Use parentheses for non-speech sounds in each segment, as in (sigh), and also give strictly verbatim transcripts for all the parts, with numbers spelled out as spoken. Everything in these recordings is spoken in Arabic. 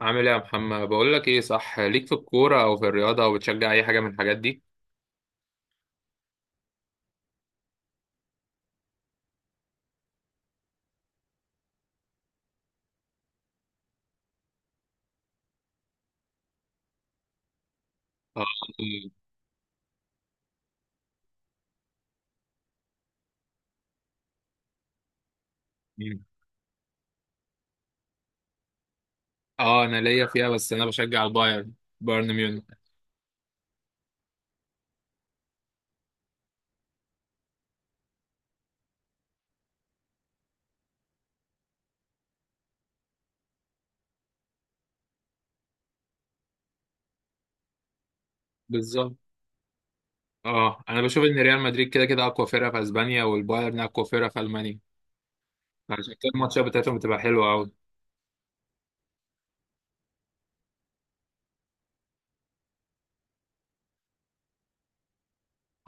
عامل ايه يا محمد؟ بقول لك ايه، صح ليك في الكوره او في الرياضه، او بتشجع اي حاجه من الحاجات دي؟ اه. مم. اه انا ليا فيها، بس انا بشجع البايرن، بايرن ميونخ. بالظبط. اه انا بشوف ان ريال مدريد كده كده اقوى فرقه في اسبانيا، والبايرن اقوى فرقه في المانيا. عشان كده الماتشات بتاعتهم بتبقى حلوه قوي.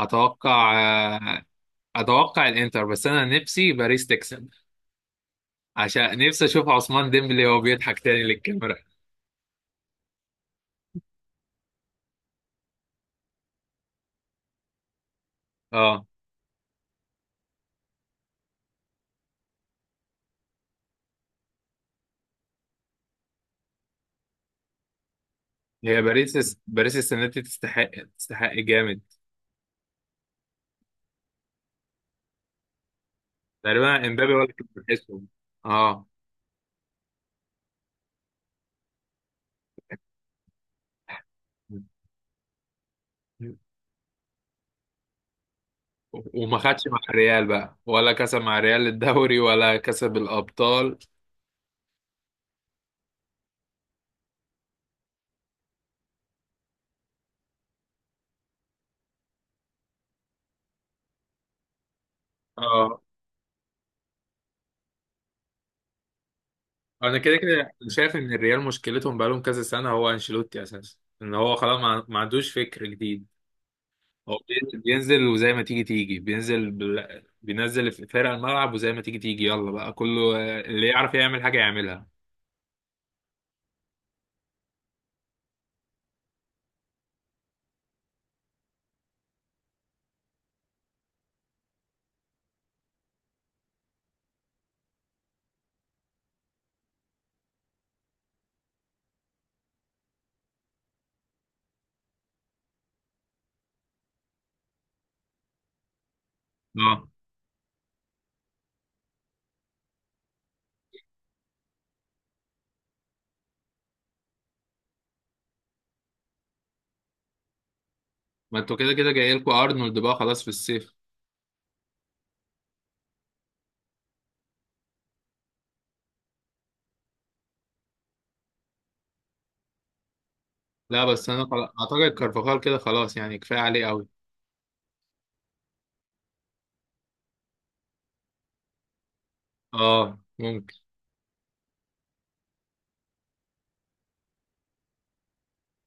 اتوقع، آه، اتوقع الانتر، بس انا نفسي باريس تكسب، عشان نفسي اشوف عثمان ديمبلي وهو بيضحك تاني للكاميرا. اه. هي باريس، باريس السنه دي تستحق، تستحق جامد. تقريبا امبابي، ولا كنت بحسهم. اه. وما خدش مع الريال بقى، ولا كسب مع الريال الدوري، ولا كسب الابطال. اه انا كده كده شايف ان الريال مشكلتهم بقالهم كذا سنه هو انشيلوتي اساسا، ان هو خلاص ما ما عندوش فكر جديد. هو بي- بينزل وزي ما تيجي تيجي، بينزل بال... بينزل في فرق الملعب وزي ما تيجي تيجي، يلا بقى كله اللي يعرف يعمل حاجه يعملها. اه، ما انتوا كده كده جاي لكم ارنولد بقى خلاص في الصيف. لا بس انا خلا- اعتقد كارفاخال كده خلاص، يعني كفايه عليه قوي. اه ممكن.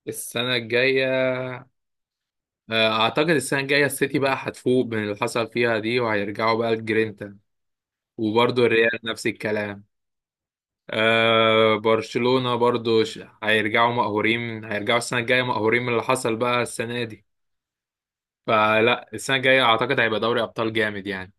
السنه الجايه، آه، اعتقد السنه الجايه السيتي بقى هتفوق من اللي حصل فيها دي، وهيرجعوا بقى الجرينتا، وبرضه الريال نفس الكلام. آه، برشلونه برضه ش- هيرجعوا مقهورين، هيرجعوا السنه الجايه مقهورين من اللي حصل بقى السنه دي. فلا، السنه الجايه اعتقد هيبقى دوري ابطال جامد يعني.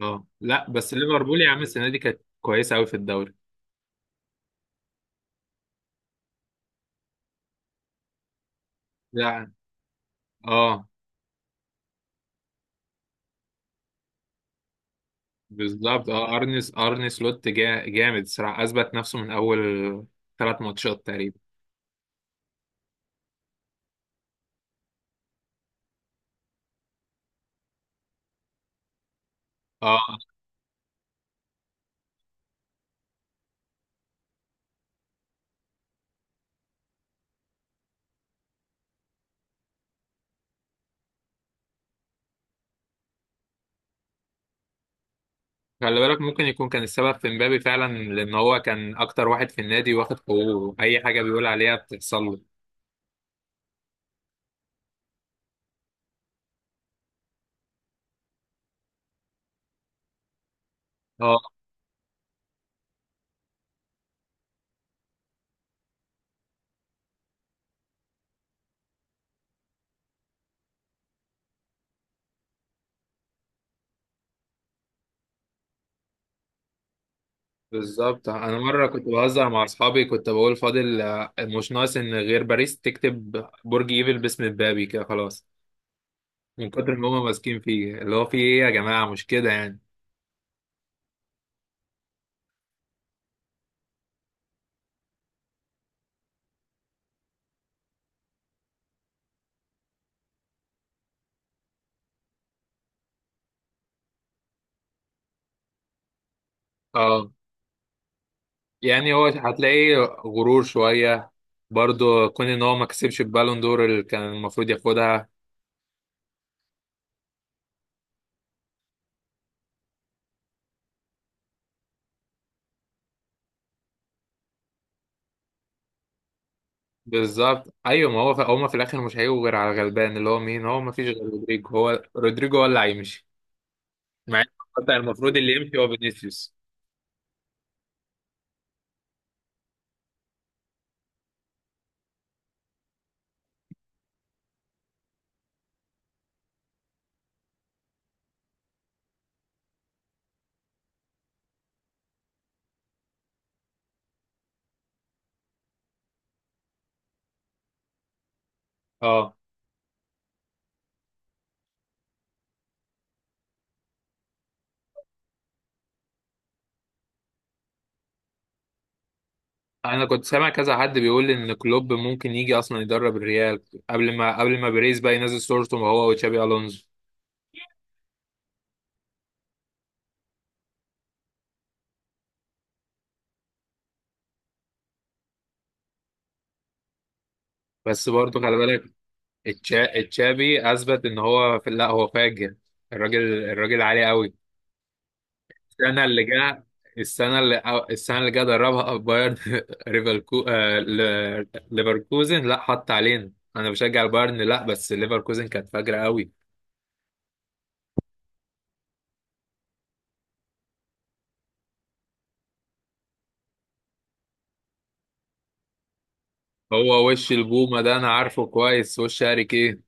اه لا، بس ليفربول يا عم السنه دي كانت كويسه قوي في الدوري. لا. اه بالظبط، اه ارني ارني سلوت جا... جامد الصراحه، اثبت نفسه من اول ثلاث ماتشات تقريبا. اه، خلي بالك ممكن يكون كان السبب في مبابي فعلا، لان هو كان اكتر واحد في النادي واخد حقوقه، اي حاجه بيقول عليها بتحصل له. اه بالظبط، انا مره كنت بهزر مع اصحابي كنت بقول فاضل، آه، مش ناقص ان غير باريس تكتب برج ايفل باسم مبابي كده خلاص. من كتر ما هم ماسكين فيه، اللي هو فيه ايه يا جماعه، مش كده يعني. اه، يعني هو هتلاقيه غرور شوية، برضو كون ان هو ما كسبش البالون دور اللي كان المفروض ياخدها. بالظبط ايوه، ما هو في هما في الاخر مش هيجوا غير على الغلبان، اللي هو مين؟ هو ما فيش غير رودريجو، هو رودريجو هو اللي هيمشي. مع إن بتاع المفروض اللي يمشي هو فينيسيوس. اه انا كنت سامع كذا حد بيقول ان كلوب ممكن يجي اصلا يدرب الريال، قبل ما قبل ما بيريز بقى ينزل صورته هو وتشابي الونزو. بس برضه خلي بالك، التشا- التشابي اثبت ان هو في لا هو فاجر، الراجل الراجل عالي قوي. السنه اللي جا، السنه اللي أو السنه اللي جا دربها بايرن. (laughs) ليفركو، آه، ل- ليفركوزن، لا حط علينا انا بشجع البايرن، لا بس ليفركوزن كانت فاجره قوي. هو وش البومه ده انا عارفه كويس، وش هاريك ايه.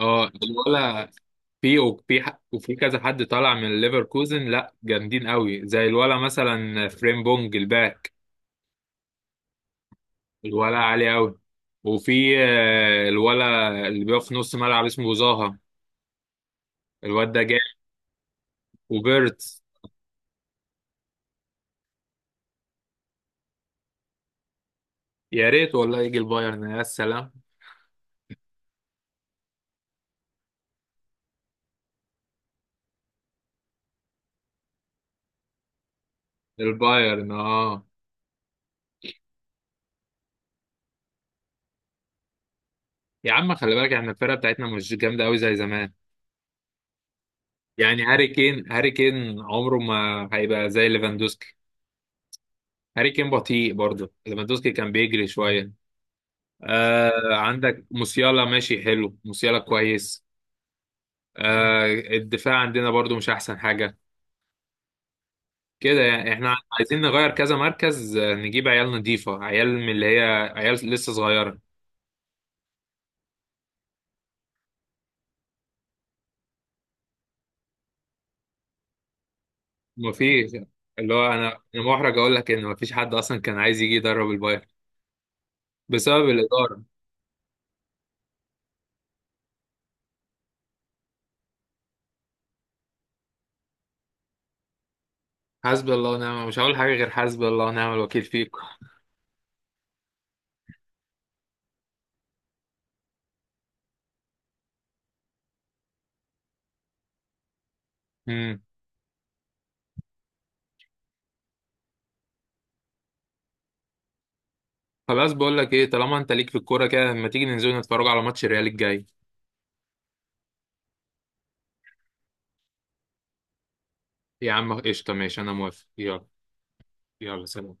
اه الولا. في وفي ح- وفي كذا حد طالع من ليفركوزن لا، جامدين قوي، زي الولا مثلا، فريمبونج الباك، الولا عالي قوي. وفي آه، الولا اللي بيقف في نص ملعب اسمه زاها، الواد ده جامد. وبيرتس. يا ريت والله يجي البايرن يا سلام. البايرن اه. يا عم خلي بالك احنا الفرقه بتاعتنا مش جامده قوي زي زمان، يعني هاري كين، هاري كين عمره ما هيبقى زي ليفاندوسكي. هاري كين بطيء، برضه ليفاندوسكي كان بيجري شويه. آه عندك موسيالا ماشي حلو، موسيالا كويس. آه الدفاع عندنا برضه مش احسن حاجه كده يعني، احنا عايزين نغير كذا مركز، آه، نجيب عيال نضيفه، عيال من اللي هي عيال لسه صغيره. ما فيش، اللي هو انا انا محرج اقول لك ان ما فيش حد اصلا كان عايز يجي يدرب البايرن بسبب الاداره. حسبي الله ونعم، مش هقول حاجه غير حسبي الله ونعم الوكيل فيكم. امم. خلاص، بقول لك ايه، طالما انت ليك في الكوره كده، ما تيجي ننزل نتفرج على ماتش الريال الجاي؟ يا عم قشطه، ماشي انا موافق، يلا. يلا سلام.